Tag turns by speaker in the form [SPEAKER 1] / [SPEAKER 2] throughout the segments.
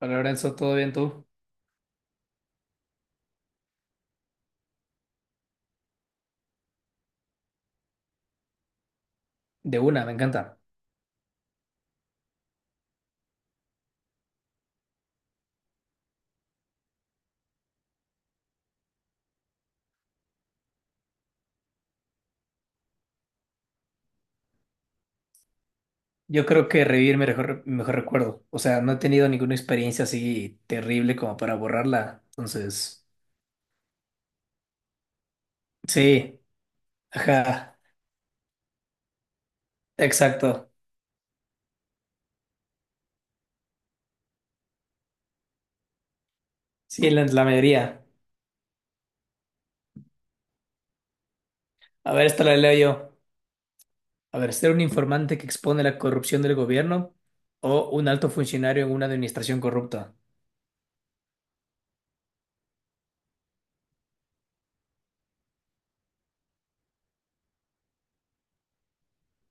[SPEAKER 1] Hola Lorenzo, ¿todo bien tú? De una, me encanta. Yo creo que revivir mi mejor recuerdo. O sea, no he tenido ninguna experiencia así terrible como para borrarla. Entonces, sí, ajá, exacto. Sí, la mayoría. A ver, esta la leo yo. A ver, ser un informante que expone la corrupción del gobierno o un alto funcionario en una administración corrupta.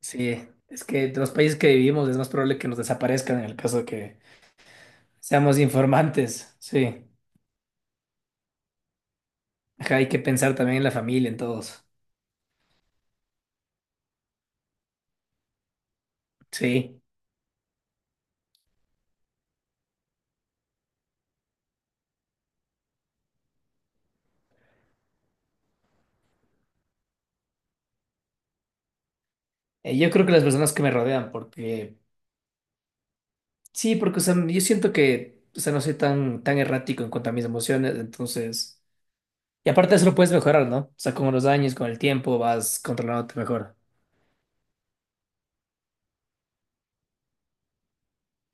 [SPEAKER 1] Sí, es que de los países que vivimos es más probable que nos desaparezcan en el caso de que seamos informantes. Sí, ajá, hay que pensar también en la familia, en todos. Sí. Yo creo que las personas que me rodean, porque sí, porque o sea, yo siento que o sea, no soy tan, tan errático en cuanto a mis emociones, entonces, y aparte eso lo puedes mejorar, ¿no? O sea, con los años, con el tiempo, vas controlándote mejor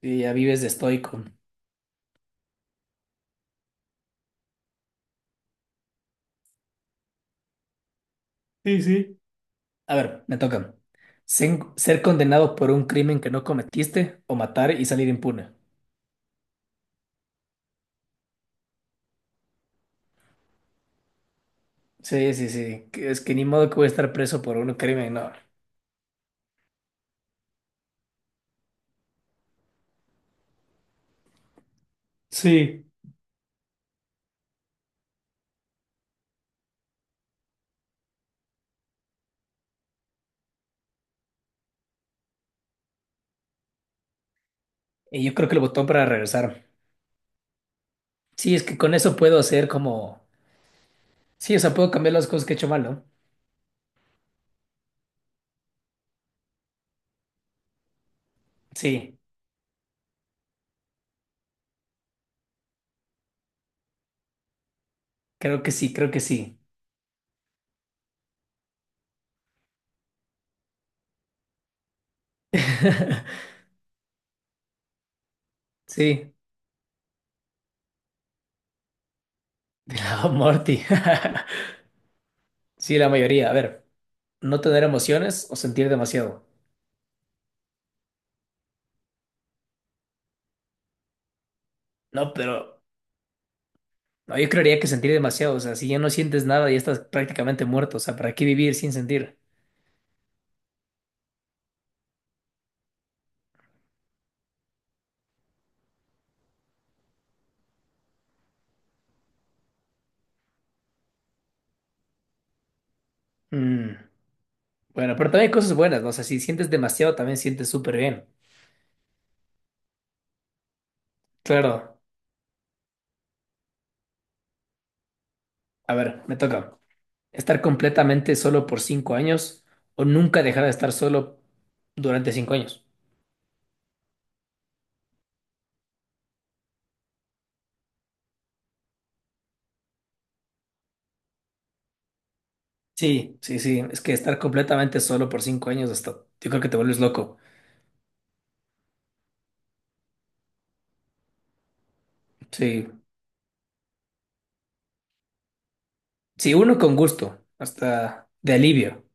[SPEAKER 1] y ya vives de estoico. Sí, sí. A ver, me toca. Ser condenado por un crimen que no cometiste o matar y salir impune. Sí, sí, sí, es que ni modo que voy a estar preso por un crimen, no. Sí. Y yo creo que el botón para regresar. Sí, es que con eso puedo hacer como... Sí, o sea, puedo cambiar las cosas que he hecho mal, ¿no? Sí, creo que sí, creo que sí. Sí, de la Morty. Sí, la mayoría. A ver, no tener emociones o sentir demasiado. No, pero no, yo creería que sentir demasiado. O sea, si ya no sientes nada, ya estás prácticamente muerto. O sea, ¿para qué vivir sin sentir? Mm, Bueno, pero también hay cosas buenas, ¿no? O sea, si sientes demasiado, también sientes súper bien. Claro. A ver, me toca. Estar completamente solo por 5 años o nunca dejar de estar solo durante 5 años. Sí, sí, sí. Es que estar completamente solo por cinco años hasta, yo creo que te vuelves loco. Sí, sí, uno con gusto, hasta de alivio.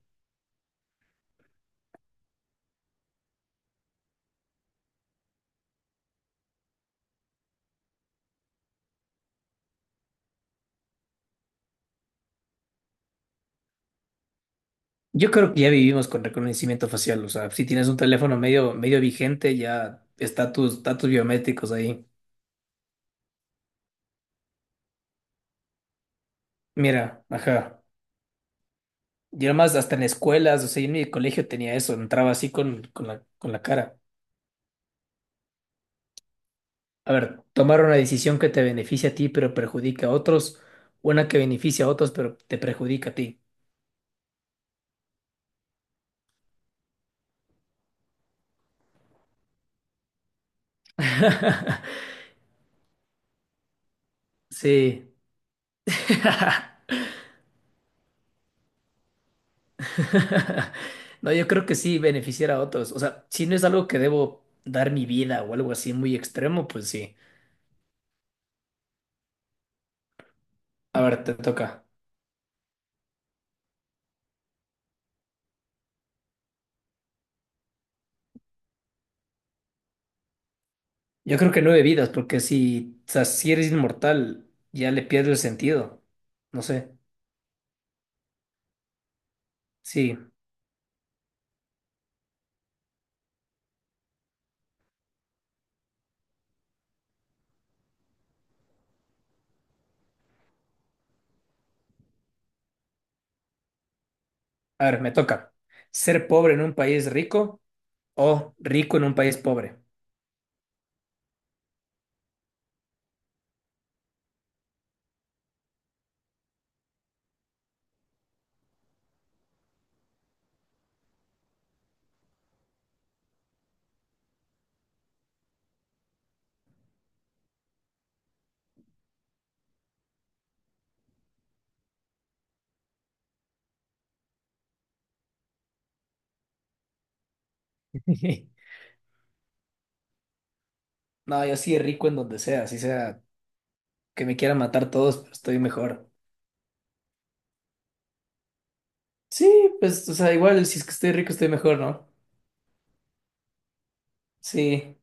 [SPEAKER 1] Yo creo que ya vivimos con reconocimiento facial. O sea, si tienes un teléfono medio, medio vigente, ya está tus datos biométricos ahí. Mira, ajá. Y además hasta en escuelas, o sea, yo en mi colegio tenía eso, entraba así con la cara. A ver, tomar una decisión que te beneficia a ti pero perjudica a otros, una que beneficia a otros pero te perjudica a ti. Sí. No, yo creo que sí beneficiar a otros. O sea, si no es algo que debo dar mi vida o algo así muy extremo, pues sí. A ver, te toca. Yo creo que nueve vidas, porque si, o sea, si eres inmortal, ya le pierdo el sentido. No sé. Sí. A ver, me toca. ¿Ser pobre en un país rico o rico en un país pobre? No, yo sí rico en donde sea, así sea que me quieran matar todos, pero estoy mejor. Sí, pues, o sea, igual si es que estoy rico, estoy mejor, ¿no? Sí.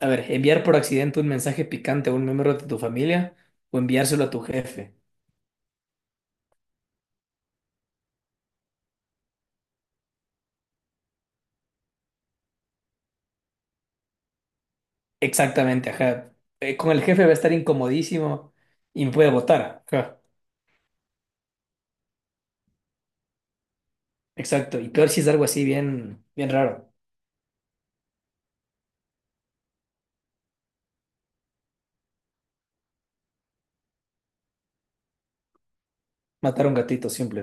[SPEAKER 1] A ver, enviar por accidente un mensaje picante a un miembro de tu familia o enviárselo a tu jefe. Exactamente, ajá. Con el jefe va a estar incomodísimo y me puede votar. Ajá. Exacto. Y peor si es algo así bien, bien raro. Matar a un gatito simple.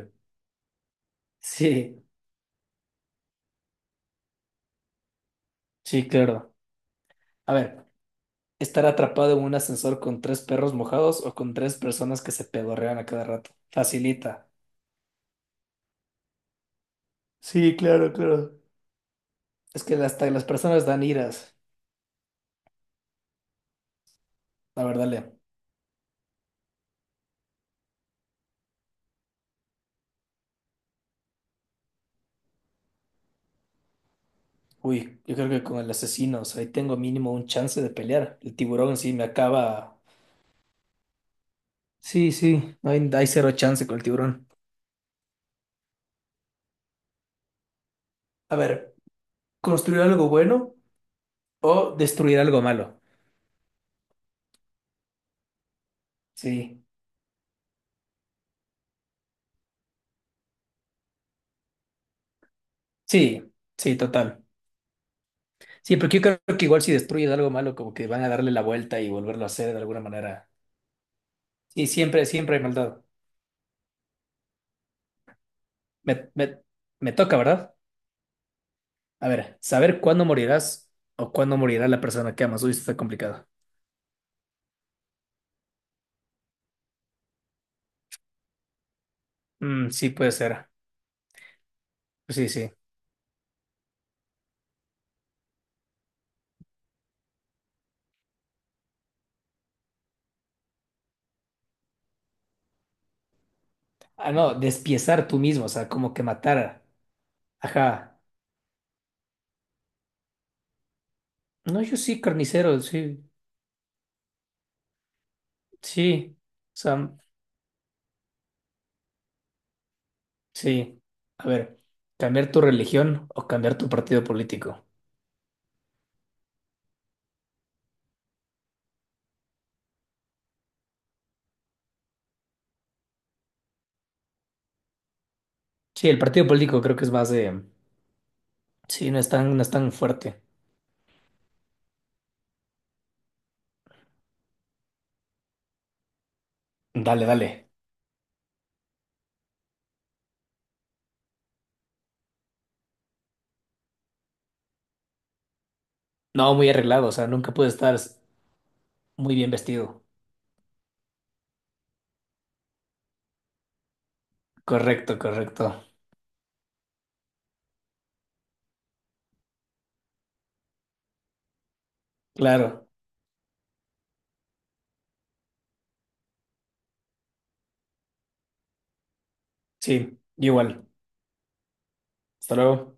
[SPEAKER 1] Sí, sí, claro. A ver, estar atrapado en un ascensor con tres perros mojados o con tres personas que se pedorrean a cada rato. Facilita. Sí, claro, claro. Es que hasta las personas dan iras. La verdad, Leo. Uy, yo creo que con el asesino, o sea, ahí tengo mínimo un chance de pelear. El tiburón sí me acaba. Sí, sí, no hay, hay cero chance con el tiburón. A ver, ¿construir algo bueno o destruir algo malo? Sí, sí, sí, total. Sí, porque yo creo que igual si destruyes algo malo, como que van a darle la vuelta y volverlo a hacer de alguna manera. Sí, siempre, siempre hay maldad. Me, me, me toca, ¿verdad? A ver, saber cuándo morirás o cuándo morirá la persona que amas. Uy, esto está complicado. Mm, sí, puede ser. Sí, sí. Ah, no, despiezar tú mismo, o sea, como que matar. Ajá. No, yo sí, carnicero, sí, sí. O sea, sí. A ver, cambiar tu religión o cambiar tu partido político. Sí, el partido político creo que es más de... Sí, no es tan, no es tan fuerte. Dale, dale. No, muy arreglado, o sea, nunca puede estar muy bien vestido. Correcto, correcto. Claro, sí, igual. Hasta luego.